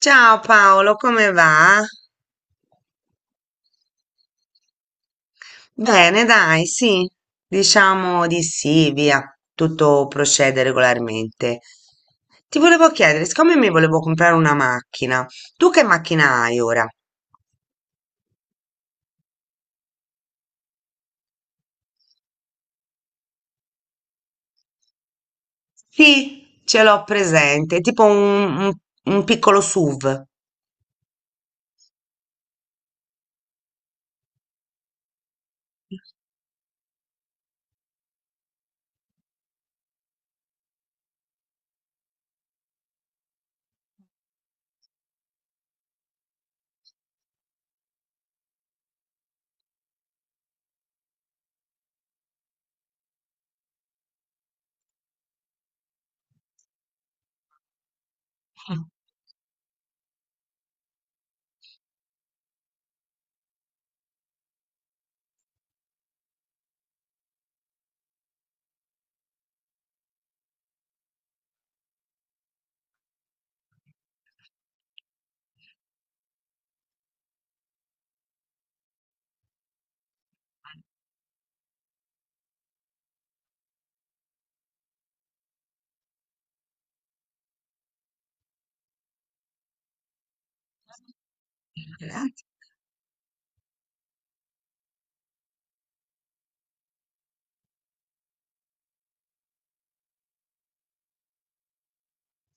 Ciao Paolo, come va? Bene, dai, sì, diciamo di sì, via, tutto procede regolarmente. Ti volevo chiedere, siccome mi volevo comprare una macchina, tu che macchina hai ora? Sì, ce l'ho presente, tipo un piccolo SUV.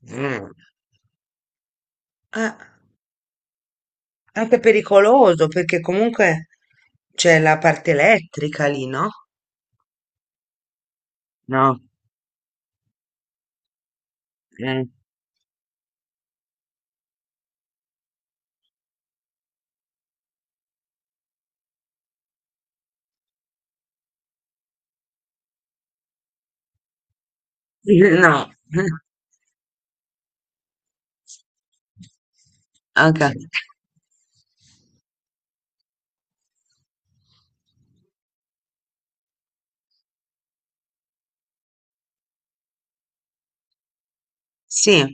Mm. Eh, anche pericoloso perché comunque c'è la parte elettrica lì, no? No. eh, No. Anche Sì. Sì,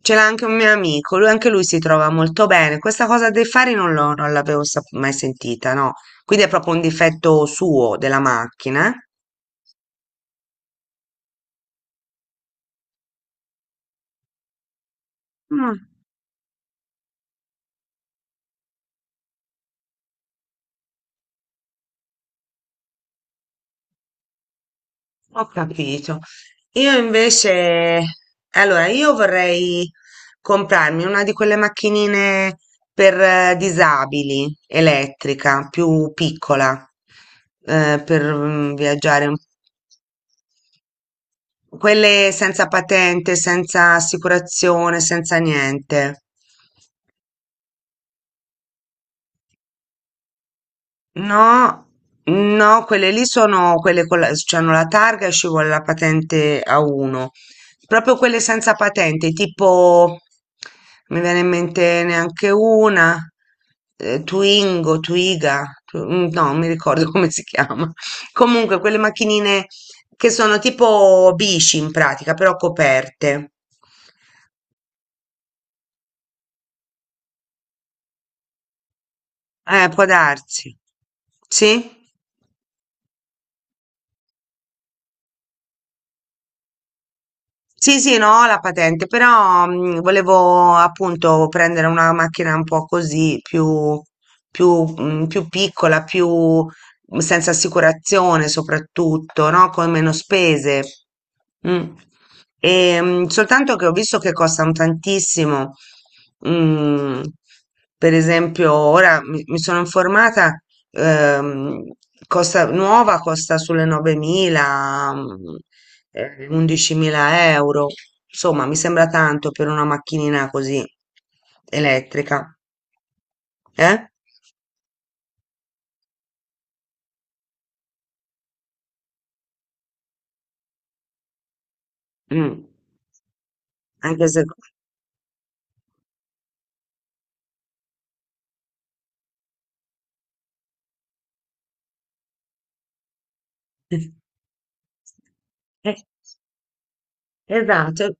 ce l'ha anche un mio amico, lui anche lui si trova molto bene. Questa cosa dei fari non l'avevo sap- mai sentita, no? Quindi è proprio un difetto suo della macchina, eh? Mm, ho capito. Io invece, allora, io vorrei comprarmi una di quelle macchinine per disabili, elettrica, più piccola, per viaggiare. Quelle senza patente, senza assicurazione, senza niente. No, no, quelle lì sono quelle con la, c'hanno la targa e ci vuole la patente A1. Proprio quelle senza patente, tipo, mi viene in mente neanche una, Twingo, Twiga, no, non mi ricordo come si chiama. Comunque, quelle macchinine che sono tipo bici in pratica, però coperte. Può darsi. Sì? Sì, sì, no, ho la patente, però volevo appunto prendere una macchina un po' così, più, più, più piccola, più senza assicurazione soprattutto, no? Con meno spese. Mm. E, soltanto che ho visto che costano tantissimo. Mm, per esempio, ora mi sono informata. Ehm, costa, nuova costa sulle 9.000, 11.000 euro. Insomma, mi sembra tanto per una macchinina così elettrica, eh? Mm, Anche se. Eh, esatto.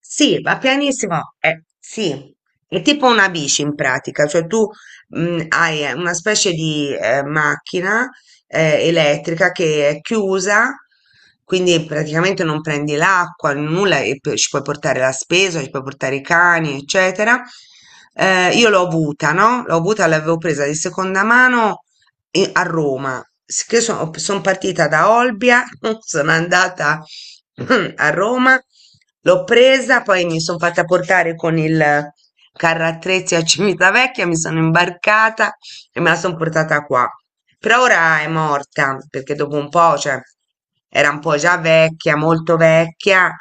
Sì, va pianissimo, sì, è tipo una bici in pratica, cioè tu hai una specie di macchina elettrica che è chiusa, quindi praticamente non prendi l'acqua, nulla, e poi ci puoi portare la spesa, ci puoi portare i cani, eccetera. Io l'ho avuta, no? L'ho avuta, l'avevo presa di seconda mano a Roma. Che sono partita da Olbia, sono andata a Roma, l'ho presa, poi mi sono fatta portare con il carro attrezzi a Civitavecchia, mi sono imbarcata e me la sono portata qua. Però ora è morta perché dopo un po', cioè, era un po' già vecchia, molto vecchia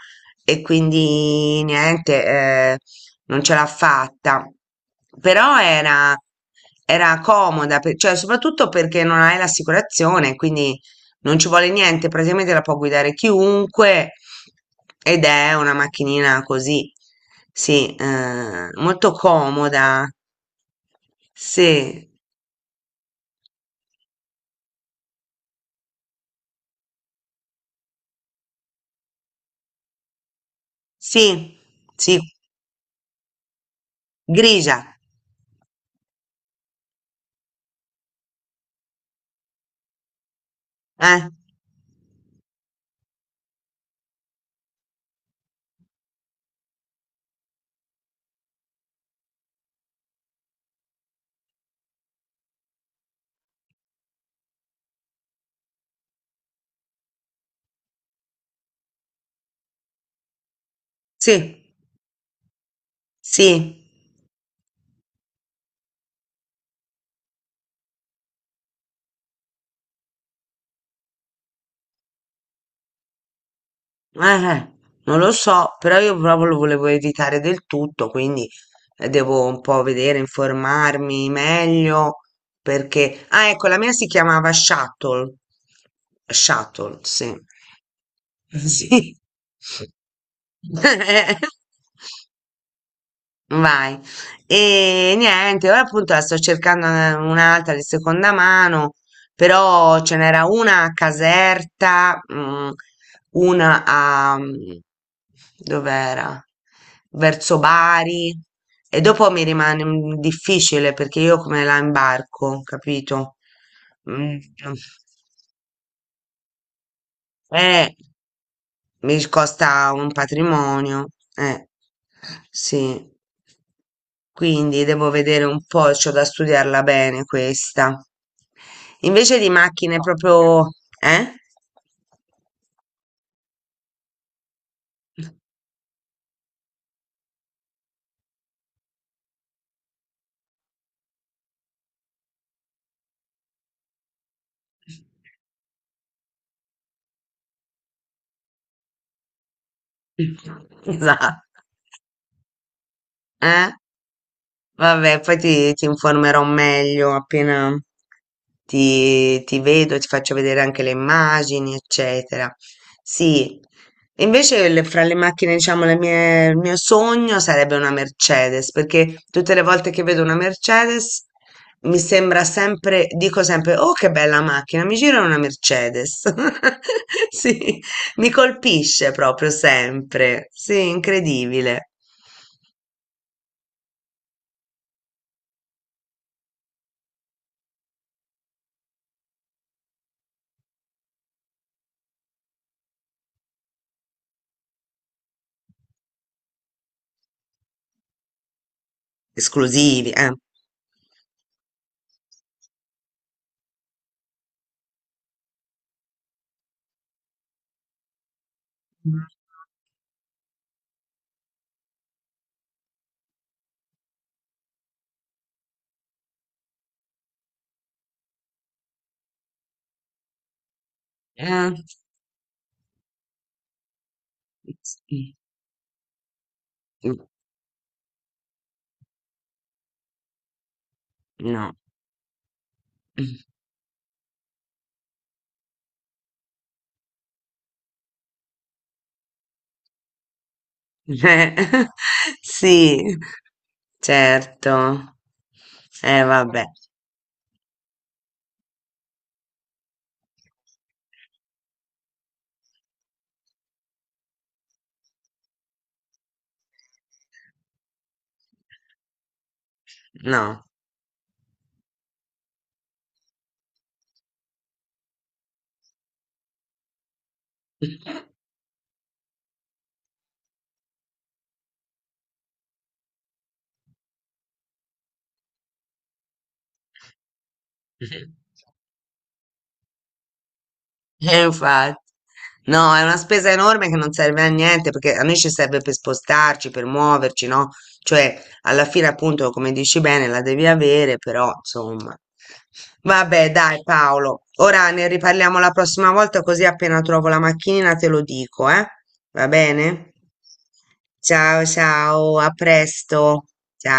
e quindi niente. Non ce l'ha fatta. Però era comoda, cioè soprattutto perché non hai l'assicurazione, quindi non ci vuole niente, praticamente la può guidare chiunque ed è una macchinina così, sì, molto comoda. Sì, sì, sì, grigia, eh, sì, sì. Eh, eh, non lo so, però io proprio lo volevo evitare del tutto, quindi devo un po' vedere, informarmi meglio, perché. Ah, ecco, la mia si chiamava Shuttle. Shuttle, sì. Sì. Eh, Vai. E niente, ora appunto la sto cercando un'altra di seconda mano, però ce n'era una a Caserta, una a. Dov'era? Verso Bari. E dopo mi rimane difficile perché io come la imbarco, capito? Mm, mm. Eh, mi costa un patrimonio, eh, sì. Quindi devo vedere un po', c'ho da studiarla bene questa. Invece di macchine proprio, eh? Esatto. Eh? Vabbè, poi ti informerò meglio appena ti vedo, ti faccio vedere anche le immagini, eccetera. Sì, invece fra le macchine, diciamo, il mio sogno sarebbe una Mercedes, perché tutte le volte che vedo una Mercedes mi sembra sempre, dico sempre, oh che bella macchina, mi gira una Mercedes. Sì, mi colpisce proprio sempre. Sì, incredibile. Esclusivi, eh. Mm. Eh, s no. Eh, sì, certo. Vabbè, no. Infatti. No, è una spesa enorme che non serve a niente perché a noi ci serve per spostarci, per muoverci, no? Cioè, alla fine, appunto, come dici bene, la devi avere, però, insomma. Vabbè, dai, Paolo. Ora ne riparliamo la prossima volta, così appena trovo la macchina te lo dico, eh? Va bene? Ciao, ciao, a presto. Ciao.